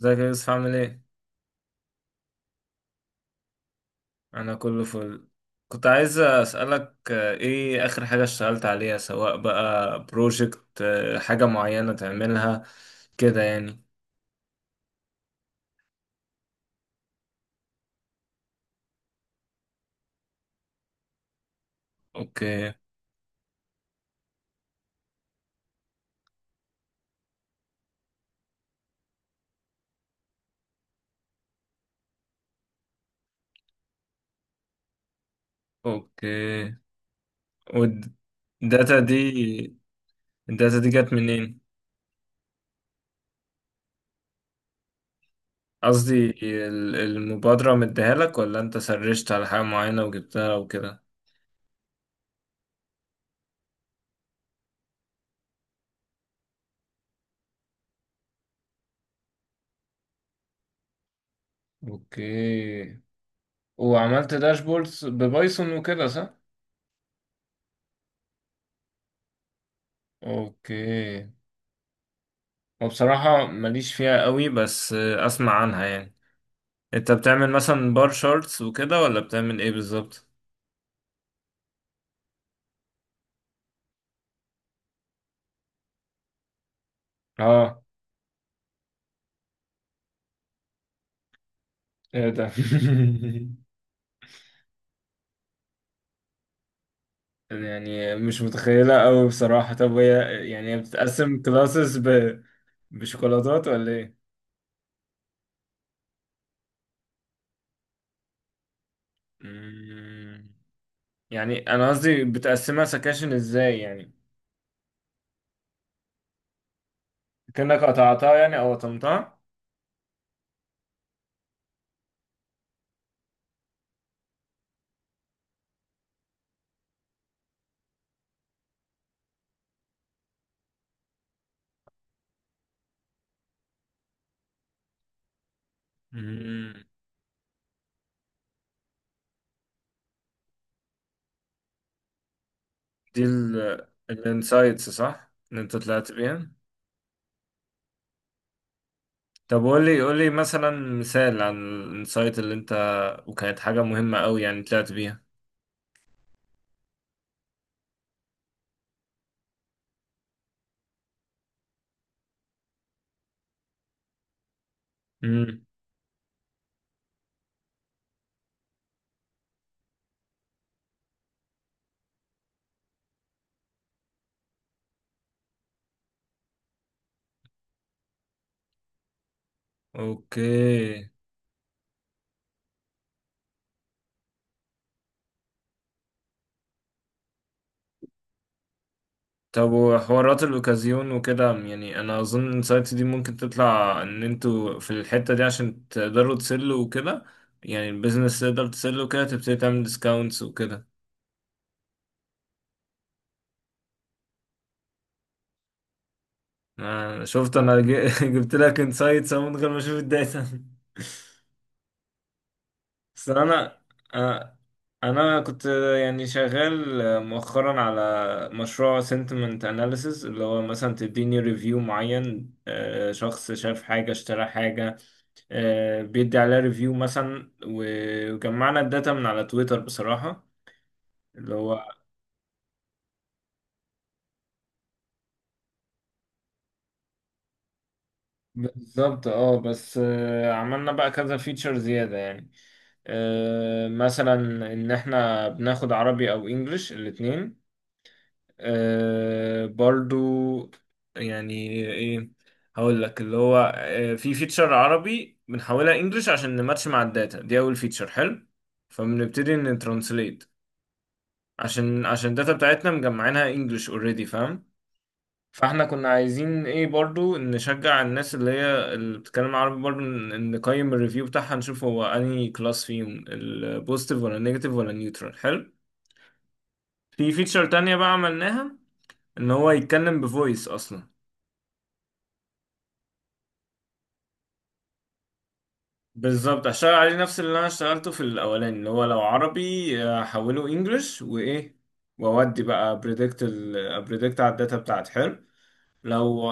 ازيك يا يوسف عامل ايه؟ انا كله فل. كنت عايز اسألك ايه اخر حاجة اشتغلت عليها، سواء بقى بروجكت حاجة معينة تعملها كده يعني. اوكي. اوكي، والداتا دي، الداتا دي جت منين؟ قصدي المبادرة مديها لك، ولا انت سرشت على حاجة معينة وجبتها وكده؟ اوكي. وعملت داشبوردز ببايثون وكده، صح؟ اوكي، وبصراحة ماليش فيها قوي، بس اسمع عنها يعني. انت بتعمل مثلا بار شارتس وكده، ولا بتعمل ايه بالظبط؟ اه. ايه ده يعني مش متخيلة قوي بصراحة. طب هي يعني هي بتتقسم كلاسز ب... بشوكولاتات ولا ايه؟ مم. يعني انا قصدي بتقسمها سكاشن ازاي يعني؟ كأنك قطعتها يعني او قطمتها. مم. دي الانسايتس صح اللي انت طلعت بيها؟ طب قول لي، قول لي مثلا مثال عن الانسايت اللي انت، وكانت حاجة مهمة قوي يعني طلعت بيها. امم. اوكي طب، وحوارات الاوكازيون وكده، يعني انا اظن الانسايت دي ممكن تطلع ان انتوا في الحتة دي عشان تقدروا تسلوا وكده. يعني البيزنس تقدر تسله، وكده تبتدي تعمل ديسكاونتس وكده. انا شفت، جبت لك انسايتس من غير ما اشوف الداتا. بس انا كنت يعني شغال مؤخرا على مشروع sentiment analysis، اللي هو مثلا تديني ريفيو معين، شخص شاف حاجة، اشترى حاجة، بيدي عليها ريفيو مثلا. وجمعنا الداتا من على تويتر بصراحة، اللي هو، بالظبط اه. بس عملنا بقى كذا فيتشر زيادة يعني. مثلا ان احنا بناخد عربي او انجليش الاتنين. آه برضو يعني، ايه، هقول لك. اللي هو في فيتشر عربي بنحولها انجلش عشان نماتش مع الداتا دي. اول فيتشر حلو، فبنبتدي نترانسليت عشان عشان الداتا بتاعتنا مجمعينها انجلش اوريدي، فاهم. فاحنا كنا عايزين ايه برضو، نشجع الناس اللي هي اللي بتتكلم عربي برضو نقيم الريفيو بتاعها، نشوف هو انهي كلاس فيهم، البوزيتيف ولا النيجاتيف ولا نيوترال. حلو. في فيتشر تانية بقى عملناها، ان هو يتكلم بفويس اصلا. بالظبط، هشتغل عليه نفس اللي انا اشتغلته في الاولاني، اللي هو لو عربي احوله انجلش، وايه، واودي بقى بريدكت. بريدكت على الداتا بتاعتي. حلو. لو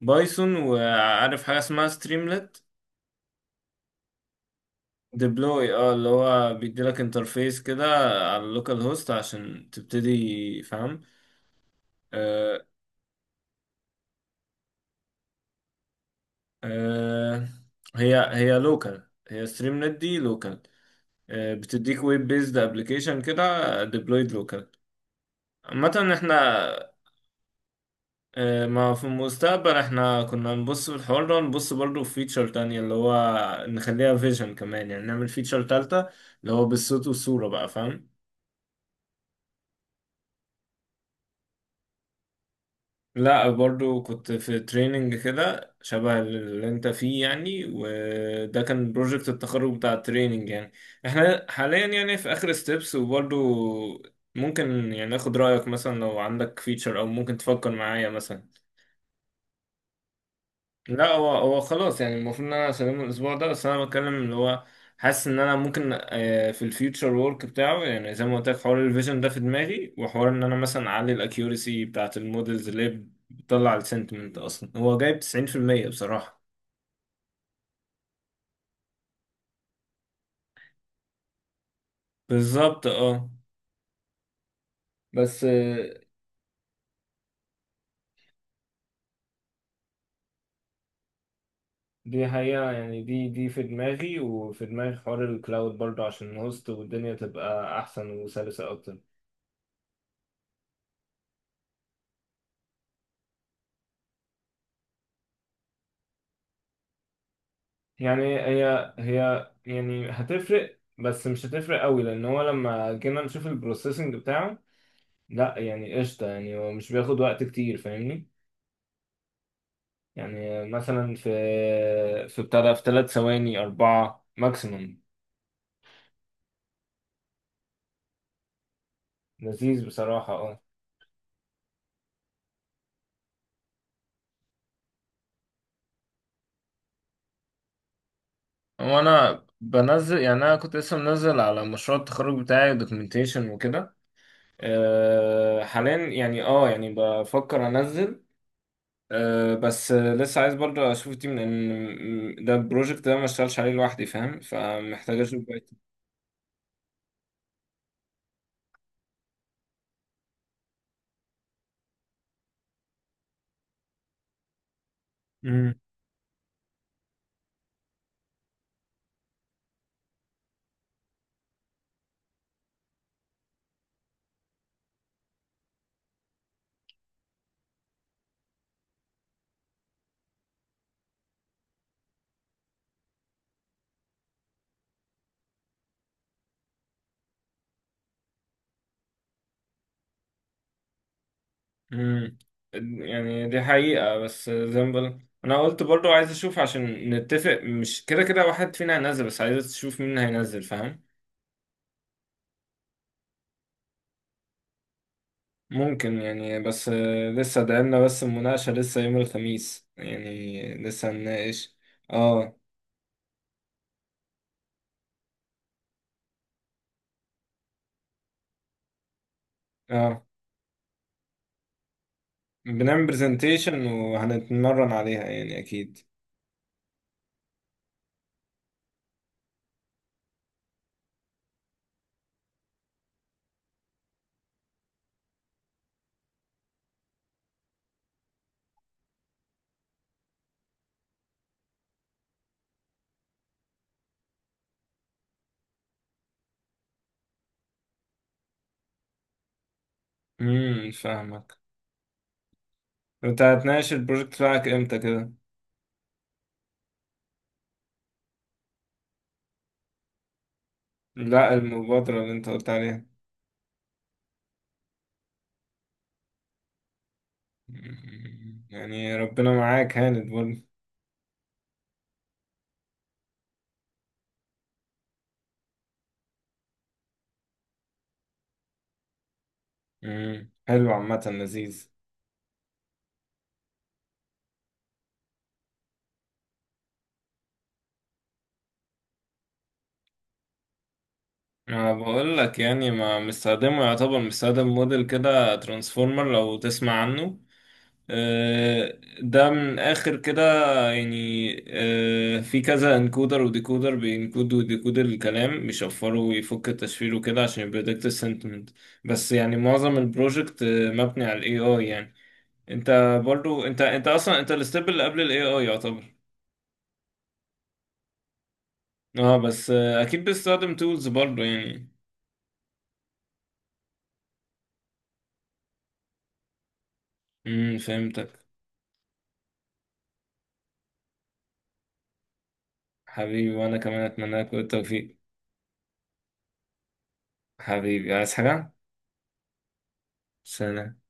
بايثون، وعارف حاجه اسمها ستريملت. ديبلوي اه، اللي هو بيديلك انترفيس كده على اللوكال هوست عشان تبتدي، فاهم. آه. آه. هي لوكال، هي ستريملت دي لوكال، بتديك ويب بيزد ابلكيشن كده ديبلويد لوكال. عامة احنا، ما في المستقبل احنا كنا نبص في الحوار ده، ونبص برضه في فيتشر تانية، اللي هو نخليها فيجن كمان، يعني نعمل فيتشر تالتة، اللي هو بالصوت والصورة بقى، فاهم. لا، برضه كنت في تريننج كده شبه اللي انت فيه يعني، وده كان بروجكت التخرج بتاع التريننج يعني. احنا حاليا يعني في اخر ستيبس، وبرضه ممكن يعني ناخد رأيك، مثلا لو عندك فيتشر، او ممكن تفكر معايا مثلا. لا، هو خلاص يعني، المفروض ان انا اسلمه الاسبوع ده، بس انا بتكلم اللي هو، حاسس ان انا ممكن في الفيوتشر وورك بتاعه، يعني زي ما قلت لك، حوار الفيجن ده في دماغي، وحوار ان انا مثلا اعلي الاكيورسي بتاعت المودلز، اللي هي بتطلع السنتمنت اصلا. هو جايب 90% بصراحة. بالظبط اه. بس دي حقيقة يعني، دي في دماغي، وفي دماغي حوار الكلاود برضه، عشان الهوست والدنيا تبقى احسن وسلسة اكتر. يعني هي يعني هتفرق، بس مش هتفرق قوي، لان هو لما جينا نشوف البروسيسنج بتاعه، لا يعني قشطه يعني، هو مش بياخد وقت كتير، فاهمني. يعني مثلا في بتاع ده في ثلاث ثواني، اربعه ماكسيموم. لذيذ بصراحه اه. وانا بنزل يعني، انا كنت لسه منزل على مشروع التخرج بتاعي دوكيومنتيشن وكده. حاليا يعني اه، يعني بفكر انزل. أه، بس لسه عايز برضه اشوف التيم، لان ده البروجكت ده ما اشتغلش عليه لوحدي، فاهم، فمحتاج اشوف بقى. امم. امم. يعني دي حقيقة، بس زي ما بقول انا قلت برضه عايز اشوف عشان نتفق، مش كده كده واحد فينا هينزل، بس عايز تشوف مين هينزل، فاهم. ممكن يعني، بس لسه ده لنا، بس المناقشة لسه يوم الخميس يعني، لسه هنناقش. اه. اه. بنعمل برزنتيشن وهنتمرن عليها يعني، اكيد. امم، فاهمك. انت هتناقش البروجكت بتاعك امتى كده؟ لا، المبادرة اللي انت قلت عليها. مم. يعني ربنا معاك، هاند برضه. مم. حلو، عامة لذيذ. انا بقول لك يعني، ما مستخدمه، يعتبر مستخدم موديل كده ترانسفورمر، لو تسمع عنه. ده من اخر كده يعني. في كذا انكودر وديكودر، بينكود وديكود الكلام، بيشفره ويفك التشفير وكده، عشان يبريدكت السنتمنت. بس يعني معظم البروجكت مبني على الاي اي يعني. انت برضو، انت اصلا، انت الستيب اللي قبل الاي اي يعتبر. اه بس اكيد بتستخدم تولز برضو يعني. امم، فهمتك. حبيبي، وانا كمان اتمنى لك كل التوفيق. حبيبي، عايز حاجة؟ سلام.